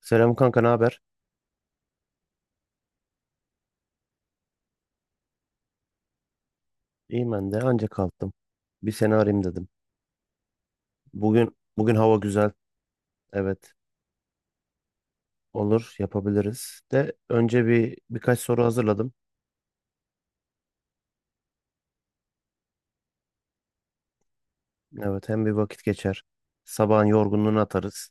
Selam kanka, ne haber? İyiyim ben de. Anca kalktım. Bir seni arayayım dedim. Bugün hava güzel. Evet, olur, yapabiliriz. De önce birkaç soru hazırladım. Evet, hem bir vakit geçer. Sabahın yorgunluğunu atarız.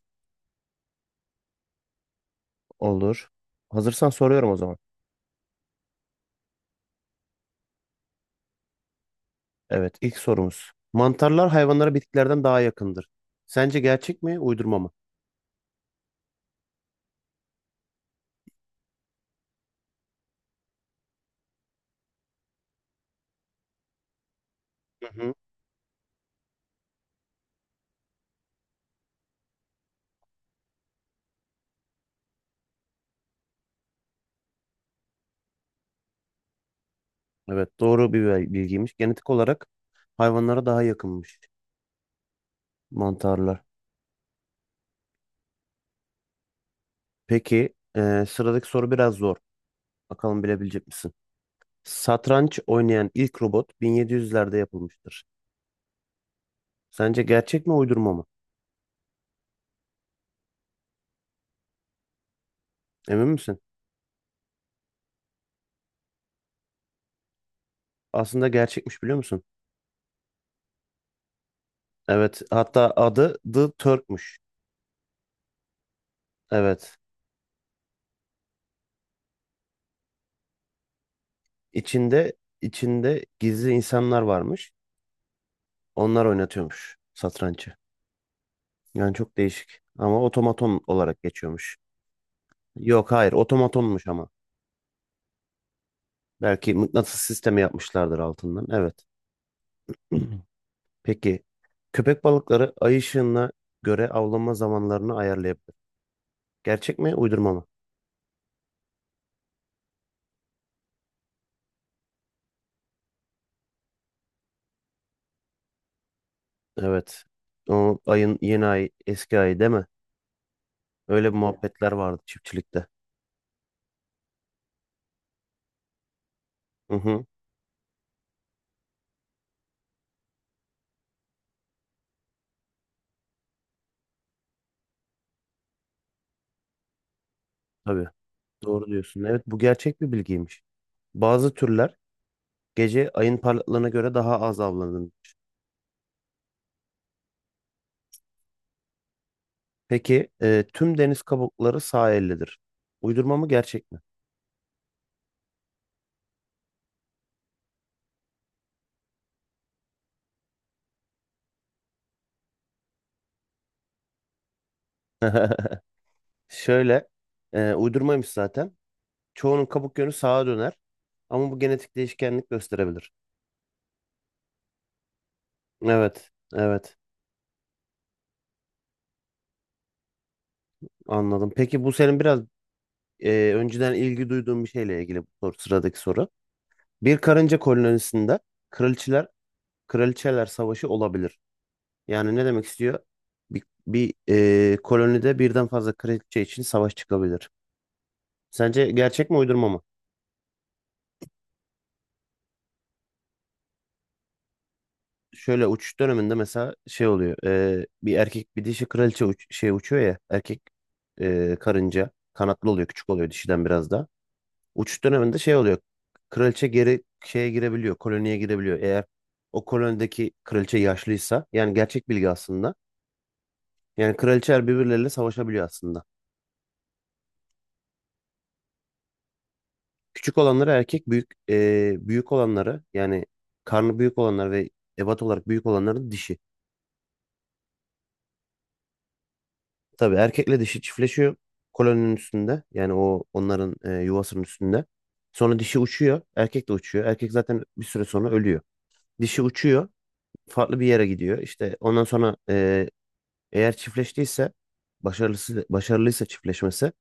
Olur. Hazırsan soruyorum o zaman. Evet, ilk sorumuz. Mantarlar hayvanlara bitkilerden daha yakındır. Sence gerçek mi, uydurma mı? Hı hı. Evet, doğru bir bilgiymiş. Genetik olarak hayvanlara daha yakınmış mantarlar. Peki, sıradaki soru biraz zor. Bakalım bilebilecek misin? Satranç oynayan ilk robot 1700'lerde yapılmıştır. Sence gerçek mi uydurma mı? Emin misin? Aslında gerçekmiş biliyor musun? Evet. Hatta adı The Turk'muş. Evet. İçinde içinde gizli insanlar varmış. Onlar oynatıyormuş satrancı. Yani çok değişik. Ama otomaton olarak geçiyormuş. Yok hayır otomatonmuş ama. Belki mıknatıs sistemi yapmışlardır altından. Evet. Peki köpek balıkları ay ışığına göre avlanma zamanlarını ayarlayabilir. Gerçek mi, uydurma mı? Evet. O ayın yeni ay, eski ay değil mi? Öyle bir muhabbetler vardı çiftçilikte. Hı hı, tabii. Doğru diyorsun. Evet, bu gerçek bir bilgiymiş. Bazı türler gece ayın parlaklığına göre daha az avlanır. Peki tüm deniz kabukları sağ ellidir. Uydurma mı, gerçek mi? Şöyle, uydurmaymış zaten. Çoğunun kabuk yönü sağa döner. Ama bu genetik değişkenlik gösterebilir. Evet, evet. Anladım. Peki bu senin biraz önceden ilgi duyduğun bir şeyle ilgili bu soru, sıradaki soru. Bir karınca kolonisinde kraliçeler kraliçeler savaşı olabilir. Yani ne demek istiyor? Bir, bir Kolonide birden fazla kraliçe için savaş çıkabilir. Sence gerçek mi uydurma mı? Şöyle uçuş döneminde mesela şey oluyor. Bir erkek bir dişi kraliçe uçuyor ya. Erkek karınca kanatlı oluyor. Küçük oluyor dişiden biraz daha. Uçuş döneminde şey oluyor. Kraliçe geri şeye girebiliyor. Koloniye girebiliyor. Eğer o kolonideki kraliçe yaşlıysa yani gerçek bilgi aslında. Yani kraliçeler birbirleriyle savaşabiliyor aslında. Küçük olanları erkek, büyük olanları yani karnı büyük olanlar ve ebat olarak büyük olanların dişi. Tabii erkekle dişi çiftleşiyor koloninin üstünde. Yani o onların yuvasının üstünde. Sonra dişi uçuyor. Erkek de uçuyor. Erkek zaten bir süre sonra ölüyor. Dişi uçuyor. Farklı bir yere gidiyor. İşte ondan sonra eğer çiftleştiyse başarılıysa çiftleşmesi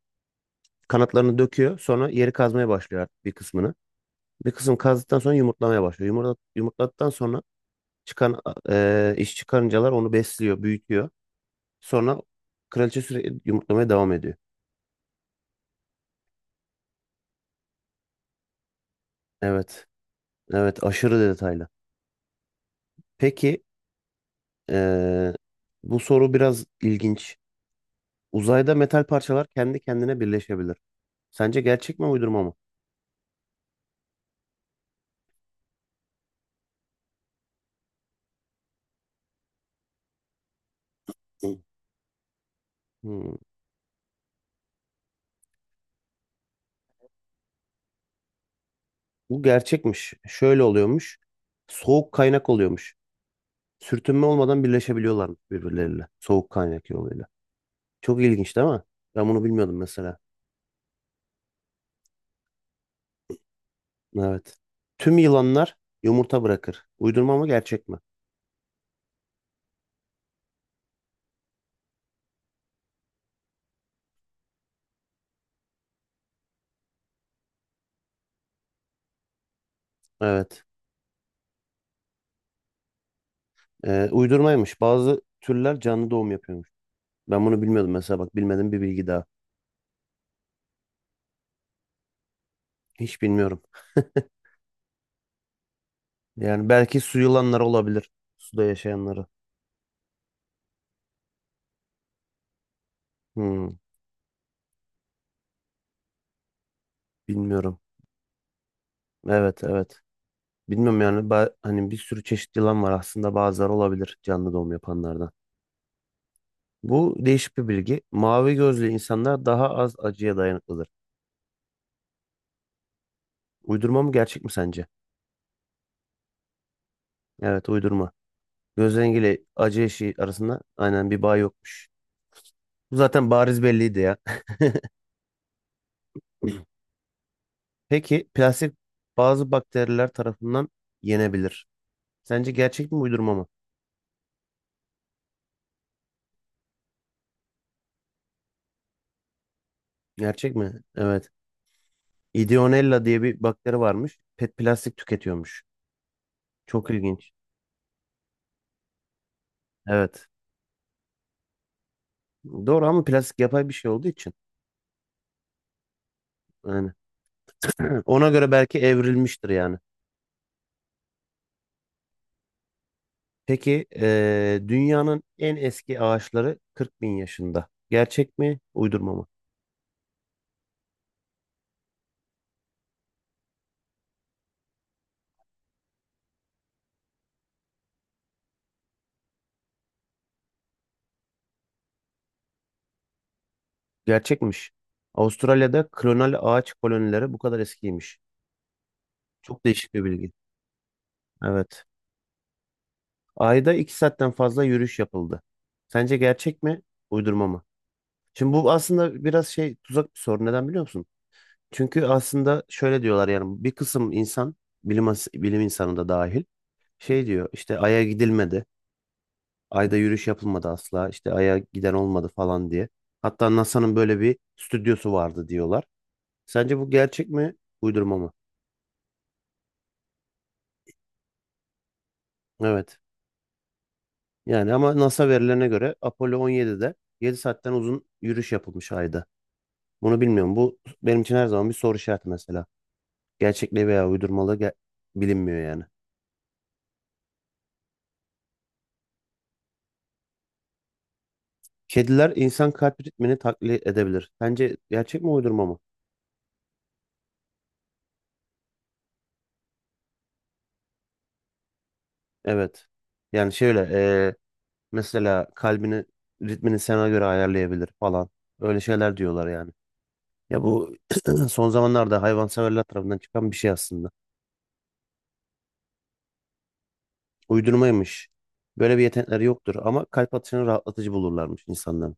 kanatlarını döküyor. Sonra yeri kazmaya başlıyor artık bir kısmını. Bir kısım kazdıktan sonra yumurtlamaya başlıyor. Yumurtladıktan sonra çıkan iş çıkarıncalar onu besliyor, büyütüyor. Sonra kraliçe sürekli yumurtlamaya devam ediyor. Evet. Evet, aşırı detaylı. Peki, eee, bu soru biraz ilginç. Uzayda metal parçalar kendi kendine birleşebilir. Sence gerçek mi uydurma mı? Hı. Hmm, Bu gerçekmiş. Şöyle oluyormuş. Soğuk kaynak oluyormuş. Sürtünme olmadan birleşebiliyorlar birbirleriyle. Soğuk kaynak yoluyla. Çok ilginç değil mi? Ben bunu bilmiyordum mesela. Evet. Tüm yılanlar yumurta bırakır. Uydurma mı gerçek mi? Evet. Uydurmaymış. Bazı türler canlı doğum yapıyor. Ben bunu bilmiyordum mesela, bak, bilmediğim bir bilgi daha. Hiç bilmiyorum. Yani belki su yılanları olabilir. Suda yaşayanları. Hmm, Bilmiyorum. Evet, evet. Bilmiyorum yani, hani bir sürü çeşit yılan var aslında, bazıları olabilir canlı doğum yapanlardan. Bu değişik bir bilgi. Mavi gözlü insanlar daha az acıya dayanıklıdır. Uydurma mı gerçek mi sence? Evet, uydurma. Göz rengiyle acı eşiği arasında aynen bir bağ yokmuş. Bu zaten bariz belliydi ya. Peki plastik bazı bakteriler tarafından yenebilir. Sence gerçek mi uydurma mı? Gerçek mi? Evet. Ideonella diye bir bakteri varmış. Pet plastik tüketiyormuş. Çok ilginç. Evet. Doğru ama plastik yapay bir şey olduğu için. Yani ona göre belki evrilmiştir yani. Peki dünyanın en eski ağaçları 40 bin yaşında. Gerçek mi? Uydurma mı? Gerçekmiş. Avustralya'da klonal ağaç kolonileri bu kadar eskiymiş. Çok değişik bir bilgi. Evet. Ayda 2 saatten fazla yürüyüş yapıldı. Sence gerçek mi, uydurma mı? Şimdi bu aslında biraz tuzak bir soru. Neden biliyor musun? Çünkü aslında şöyle diyorlar yani, bir kısım insan, bilim, bilim insanı da dahil, şey diyor işte: Ay'a gidilmedi, Ay'da yürüyüş yapılmadı asla, işte Ay'a giden olmadı falan diye. Hatta NASA'nın böyle bir stüdyosu vardı diyorlar. Sence bu gerçek mi, uydurma mı? Evet. Yani ama NASA verilerine göre Apollo 17'de 7 saatten uzun yürüyüş yapılmış Ay'da. Bunu bilmiyorum. Bu benim için her zaman bir soru işareti mesela. Gerçekliği veya uydurmalığı bilinmiyor yani. Kediler insan kalp ritmini taklit edebilir. Sence gerçek mi uydurma mı? Evet. Yani şöyle mesela ritmini sana göre ayarlayabilir falan. Öyle şeyler diyorlar yani. Ya bu son zamanlarda hayvanseverler tarafından çıkan bir şey aslında. Uydurmaymış. Böyle bir yetenekleri yoktur ama kalp atışını rahatlatıcı bulurlarmış insanların.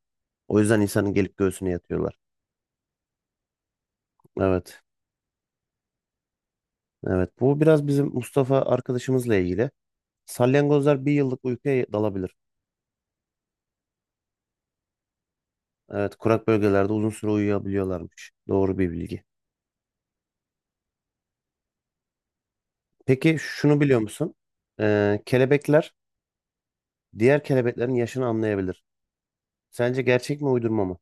O yüzden insanın gelip göğsüne yatıyorlar. Evet. Evet, bu biraz bizim Mustafa arkadaşımızla ilgili. Salyangozlar bir yıllık uykuya dalabilir. Evet, kurak bölgelerde uzun süre uyuyabiliyorlarmış. Doğru bir bilgi. Peki şunu biliyor musun? Kelebekler diğer kelebeklerin yaşını anlayabilir. Sence gerçek mi uydurma mı?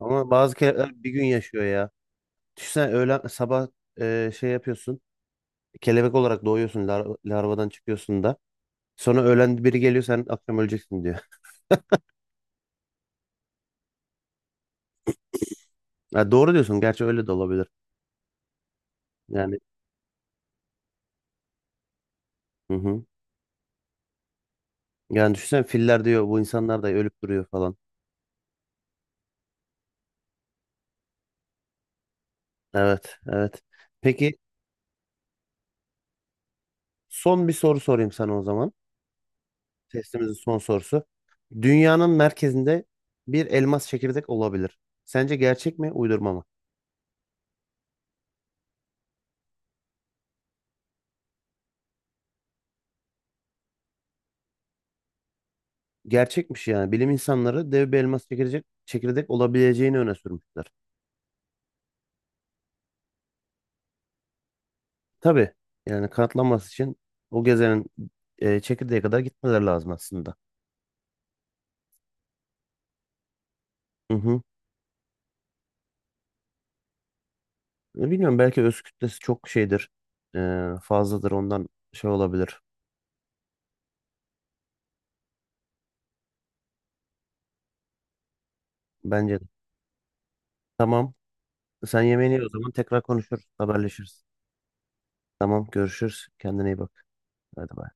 Ama bazı kelebekler bir gün yaşıyor ya. Düşünsene, öğlen sabah şey yapıyorsun. Kelebek olarak doğuyorsun, larvadan çıkıyorsun da. Sonra öğlen biri geliyor, sen akşam öleceksin diyor. Ha, doğru diyorsun. Gerçi öyle de olabilir. Yani, hı hı. Yani düşünsene, filler diyor bu insanlar da ölüp duruyor falan. Evet, evet. Peki son bir soru sorayım sana o zaman. Testimizin son sorusu. Dünyanın merkezinde bir elmas çekirdek olabilir. Sence gerçek mi, uydurma mı? Gerçekmiş yani. Bilim insanları dev bir elmas çekirdek olabileceğini öne sürmüşler. Tabii yani kanıtlanması için o gezenin çekirdeğe kadar gitmeleri lazım aslında. Hı hı. Bilmiyorum, belki öz kütlesi çok şeydir. Fazladır, ondan şey olabilir. Bence Tamam. Sen yemeğini ye o zaman, tekrar konuşuruz, haberleşiriz. Tamam, görüşürüz. Kendine iyi bak. Hadi bay.